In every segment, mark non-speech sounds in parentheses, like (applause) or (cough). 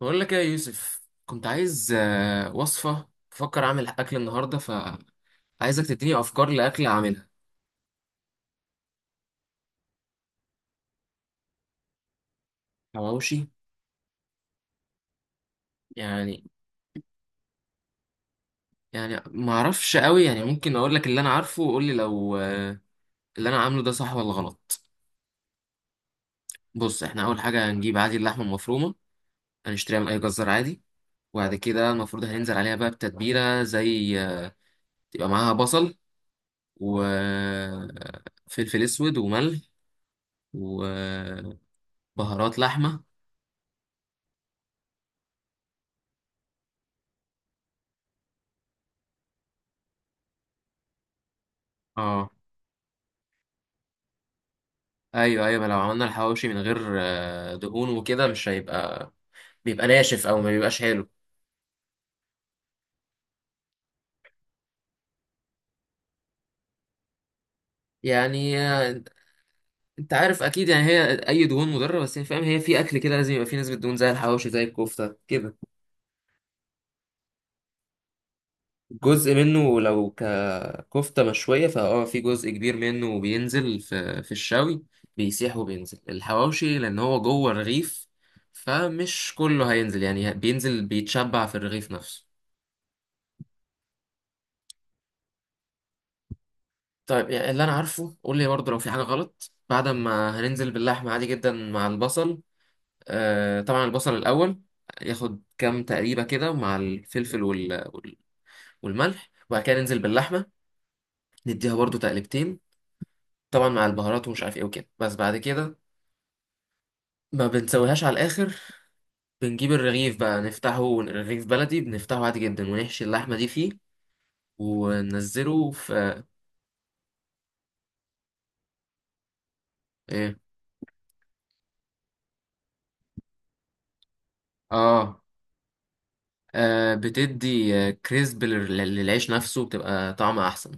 بقول لك ايه يا يوسف؟ كنت عايز وصفة، بفكر اعمل اكل النهاردة، فعايزك تديني افكار لاكل اعملها. حواوشي؟ يعني. يعني ما اعرفش قوي، يعني ممكن اقول لك اللي انا عارفه وقول لي لو اللي انا عامله ده صح ولا غلط. بص، احنا اول حاجة هنجيب عادي اللحمة المفرومة، هنشتريها من اي جزار عادي. وبعد كده المفروض هننزل عليها بقى بتتبيلة زي تبقى معاها بصل، وفلفل اسود وملح، وبهارات. لحمة. اه. ايوه، ايوه، ما لو عملنا الحواوشي من غير دهون وكده، مش هيبقى، بيبقى ناشف او ما بيبقاش حلو. يعني انت عارف اكيد، يعني هي اي دهون مضره، بس هي فاهم؟ هي في اكل كده لازم يبقى فيه نسبه دهون، زي الحواوشي زي الكفته كده. جزء منه لو ككفته مشويه، فاه، في جزء كبير منه بينزل في الشوي، بيسيح وبينزل الحواوشي لان هو جوه الرغيف. فمش كله هينزل يعني، بينزل بيتشبع في الرغيف نفسه. طيب يعني اللي انا عارفه، قول لي برضه لو في حاجه غلط. بعد ما هننزل باللحمه عادي جدا مع البصل، آه طبعا البصل الاول ياخد كام تقريبه كده مع الفلفل والملح، وبعد كده ننزل باللحمه، نديها برضه تقلبتين، طبعا مع البهارات ومش عارف ايه وكده. بس بعد كده ما بنسويهاش على الاخر، بنجيب الرغيف بقى نفتحه، رغيف بلدي بنفتحه عادي جدا ونحشي اللحمه دي فيه، وننزله في... ايه؟ اه. بتدي كريسب للعيش نفسه، بتبقى طعمه احسن.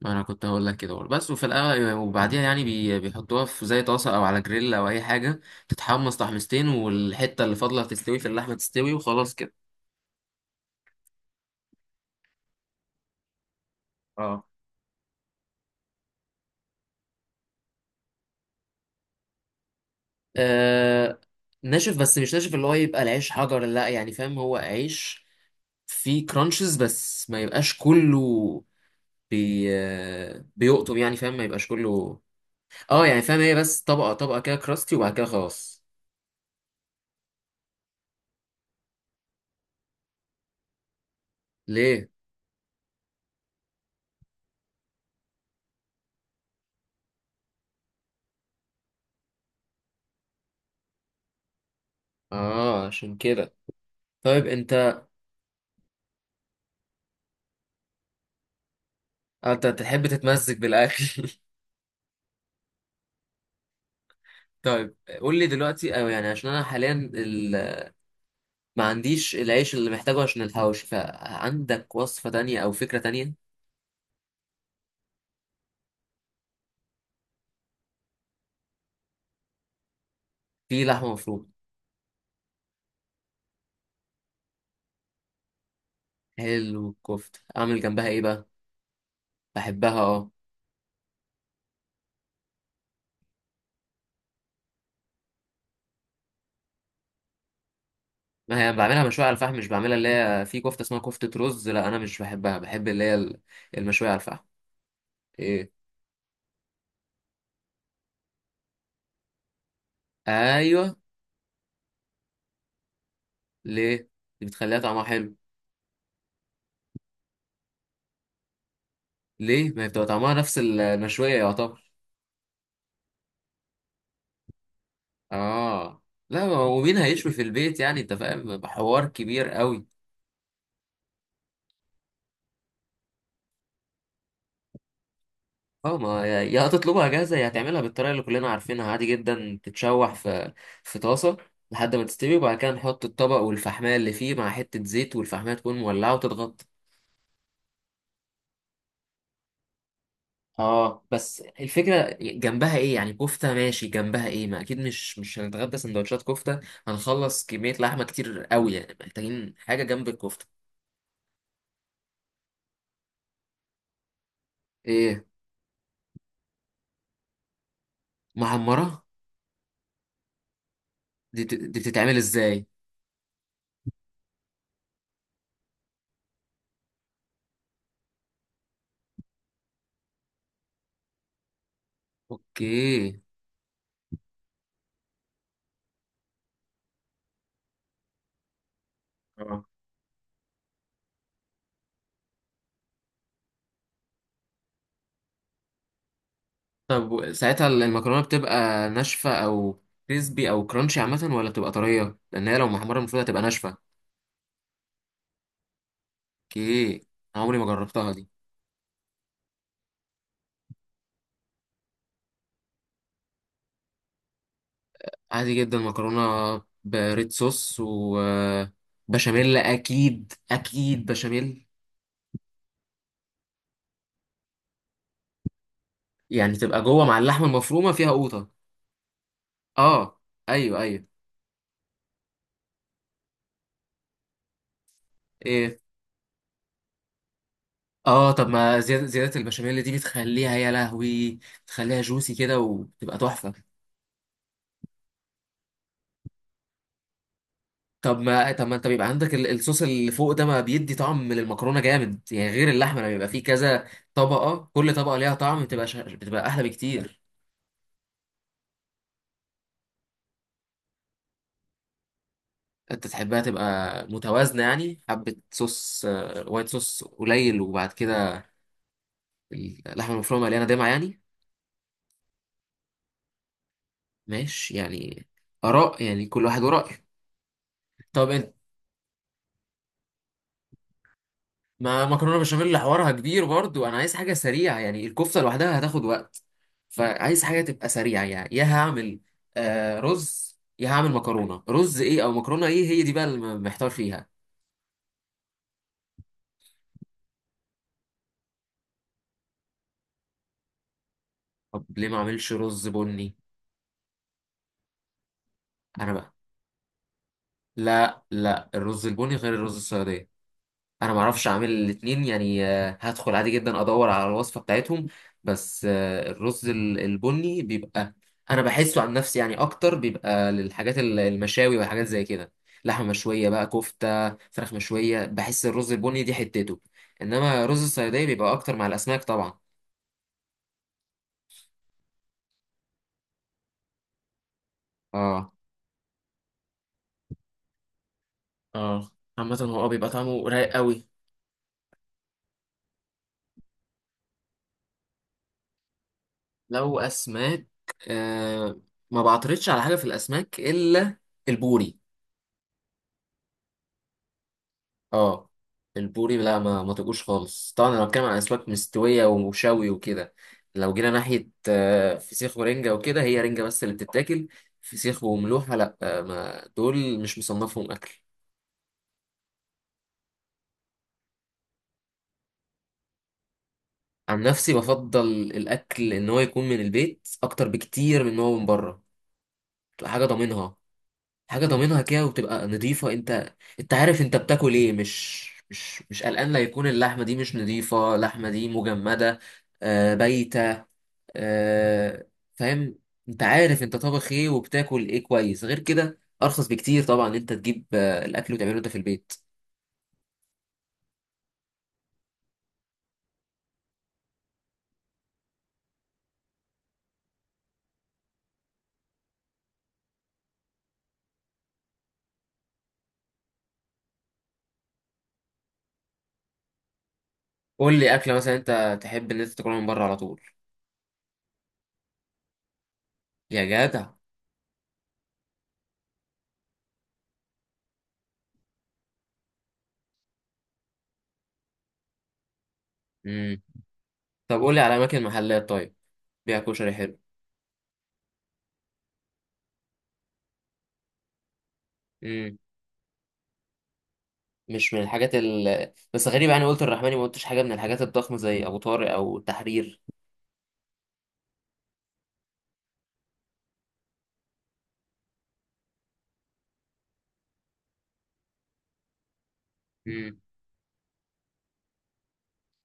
ما انا كنت هقول لك كده برضه. بس وفي الاول وبعديها يعني بيحطوها في زي طاسه او على جريل او اي حاجه، تتحمص تحميصتين والحته اللي فاضله تستوي في اللحمه تستوي وخلاص كده. اه. آه، ناشف، بس مش ناشف اللي هو يبقى العيش حجر لا، يعني فاهم؟ هو عيش فيه كرانشز بس ما يبقاش كله. بي آه، بيقطم يعني، فاهم؟ ما يبقاش كله. اه يعني فاهم، هي بس طبقة طبقة كده، كراستي وبعد كده خلاص. ليه؟ اه عشان كده. طيب انت انت تحب تتمزج بالاكل (laughs) طيب قول لي دلوقتي او يعني عشان انا حاليا ما عنديش العيش اللي محتاجه عشان الحوش، فعندك وصفة تانية او فكرة تانية؟ في لحمة مفرومة. حلو، الكفتة اعمل جنبها ايه بقى؟ بحبها، اه. ما هي بعملها مشوية على الفحم، مش بعملها اللي هي في كفتة اسمها كفتة رز، لا انا مش بحبها، بحب اللي هي المشوية على الفحم. ايه؟ ايوه. ليه؟ دي بتخليها طعمها حلو. ليه، ما هي بتبقى طعمها نفس المشوية يعتبر. اه. لا ما هو مين هيشوي في البيت يعني، انت فاهم؟ حوار كبير قوي. اه، ما يا هتطلبها جاهزه يا هتعملها بالطريقه اللي كلنا عارفينها، عادي جدا تتشوح في طاسه لحد ما تستوي، وبعد كده نحط الطبق والفحمايه اللي فيه مع حته زيت، والفحمايه تكون مولعه وتتغطى. اه بس الفكره جنبها ايه يعني؟ كفته ماشي، جنبها ايه؟ ما اكيد مش هنتغدى سندوتشات كفته، هنخلص كميه لحمه كتير قوي يعني، محتاجين حاجه جنب الكفته. ايه؟ محمره؟ دي بتتعمل ازاي؟ اوكي. اه طب ساعتها المكرونة بتبقى ناشفة أو كريسبي أو كرانشي عامة، ولا بتبقى طرية؟ لأن هي لو محمرة المفروض هتبقى ناشفة. اوكي. أنا عمري ما جربتها دي. عادي جدا مكرونة بريد صوص وبشاميل، أكيد أكيد بشاميل. يعني تبقى جوه مع اللحمة المفرومة، فيها قوطة. آه. أيوه، أيوه. إيه؟ آه طب ما زيادة زيادة البشاميل دي بتخليها، يا لهوي، بتخليها جوسي كده وبتبقى تحفة. طب ما انت بيبقى عندك الصوص اللي فوق ده، ما بيدي طعم للمكرونه جامد يعني، غير اللحمه، لما بيبقى فيه كذا طبقه، كل طبقه ليها طعم، بتبقى احلى بكتير. انت تحبها تبقى متوازنه يعني، حبه صوص وايت صوص قليل، وبعد كده اللحمه المفرومه مليانه دمعه يعني. ماشي يعني، اراء يعني، كل واحد ورأيه. طب ما مكرونه بشاميل اللي حوارها كبير برضو، انا عايز حاجه سريعه يعني، الكفته لوحدها هتاخد وقت، فعايز حاجه تبقى سريعه يعني. يا هعمل رز، يا هعمل مكرونه، رز ايه او مكرونه ايه، هي دي بقى اللي محتار فيها. طب ليه ما اعملش رز بني؟ انا بقى. لا لا، الرز البني غير الرز السعوديه، انا ما اعرفش اعمل الاتنين يعني، هدخل عادي جدا ادور على الوصفه بتاعتهم. بس الرز البني بيبقى، انا بحسه عن نفسي يعني، اكتر بيبقى للحاجات المشاوي والحاجات زي كده. لحمه مشويه بقى، كفته، فراخ مشويه، بحس الرز البني دي حتته. انما رز الصياديه بيبقى اكتر مع الاسماك طبعا. اه. اه. عامه هو بيبقى طعمه رايق قوي. لو اسماك، آه، ما بعترضش على حاجه في الاسماك الا البوري. اه. البوري لا ما تبقوش خالص. طبعا انا بتكلم عن اسماك مستويه وشوي وكده، لو جينا ناحيه فسيخ ورنجه وكده، هي رنجه بس اللي بتتاكل، فسيخ وملوحه لا ما دول مش مصنفهم اكل. عن نفسي بفضل الاكل ان هو يكون من البيت اكتر بكتير من ان هو من بره، بتبقى حاجه ضامنها. حاجه ضامنها كده وبتبقى نظيفه، انت عارف انت بتاكل ايه، مش مش قلقان لا يكون اللحمه دي مش نظيفه، اللحمه دي مجمده، بايته، آه، فاهم. انت عارف انت طابخ ايه وبتاكل ايه كويس. غير كده ارخص بكتير طبعا ان انت تجيب الاكل وتعمله انت في البيت. قول لي اكله مثلا انت تحب ان انت تاكلها من بره على طول. يا جدع. امم. طب قول لي على اماكن محلات طيب بيع كشري حلو. امم. مش من الحاجات بس غريب يعني، قلت الرحماني، ما قلتش حاجه من الحاجات الضخمه زي ابو طارق او التحرير. امم.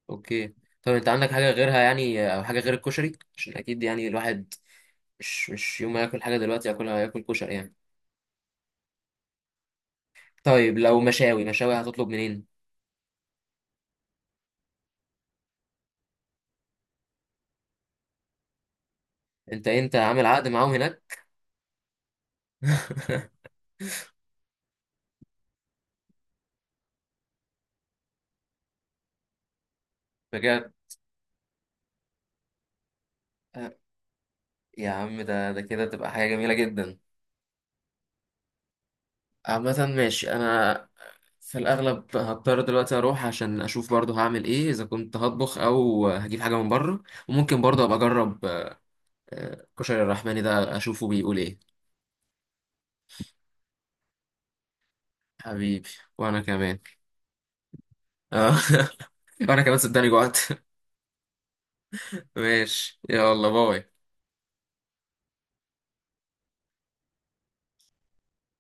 اوكي. طب انت عندك حاجه غيرها يعني، او حاجه غير الكشري؟ عشان اكيد يعني الواحد مش يوم ما ياكل حاجه دلوقتي ياكلها، ياكل كشري يعني. طيب لو مشاوي، مشاوي هتطلب منين؟ انت عامل عقد معاهم هناك (laughs) بجد. آه، يا عم ده كده تبقى حاجة جميلة جدا. عامة ماشي. انا في الاغلب هضطر دلوقتي اروح عشان اشوف برضو هعمل ايه، اذا كنت هطبخ او هجيب حاجة من بره، وممكن برضو ابقى اجرب كشري الرحماني ده، اشوفه بيقول ايه. حبيبي، وانا كمان آه، (laughs) وانا كمان صدقني جوعت (laughs) ماشي، يلا باي.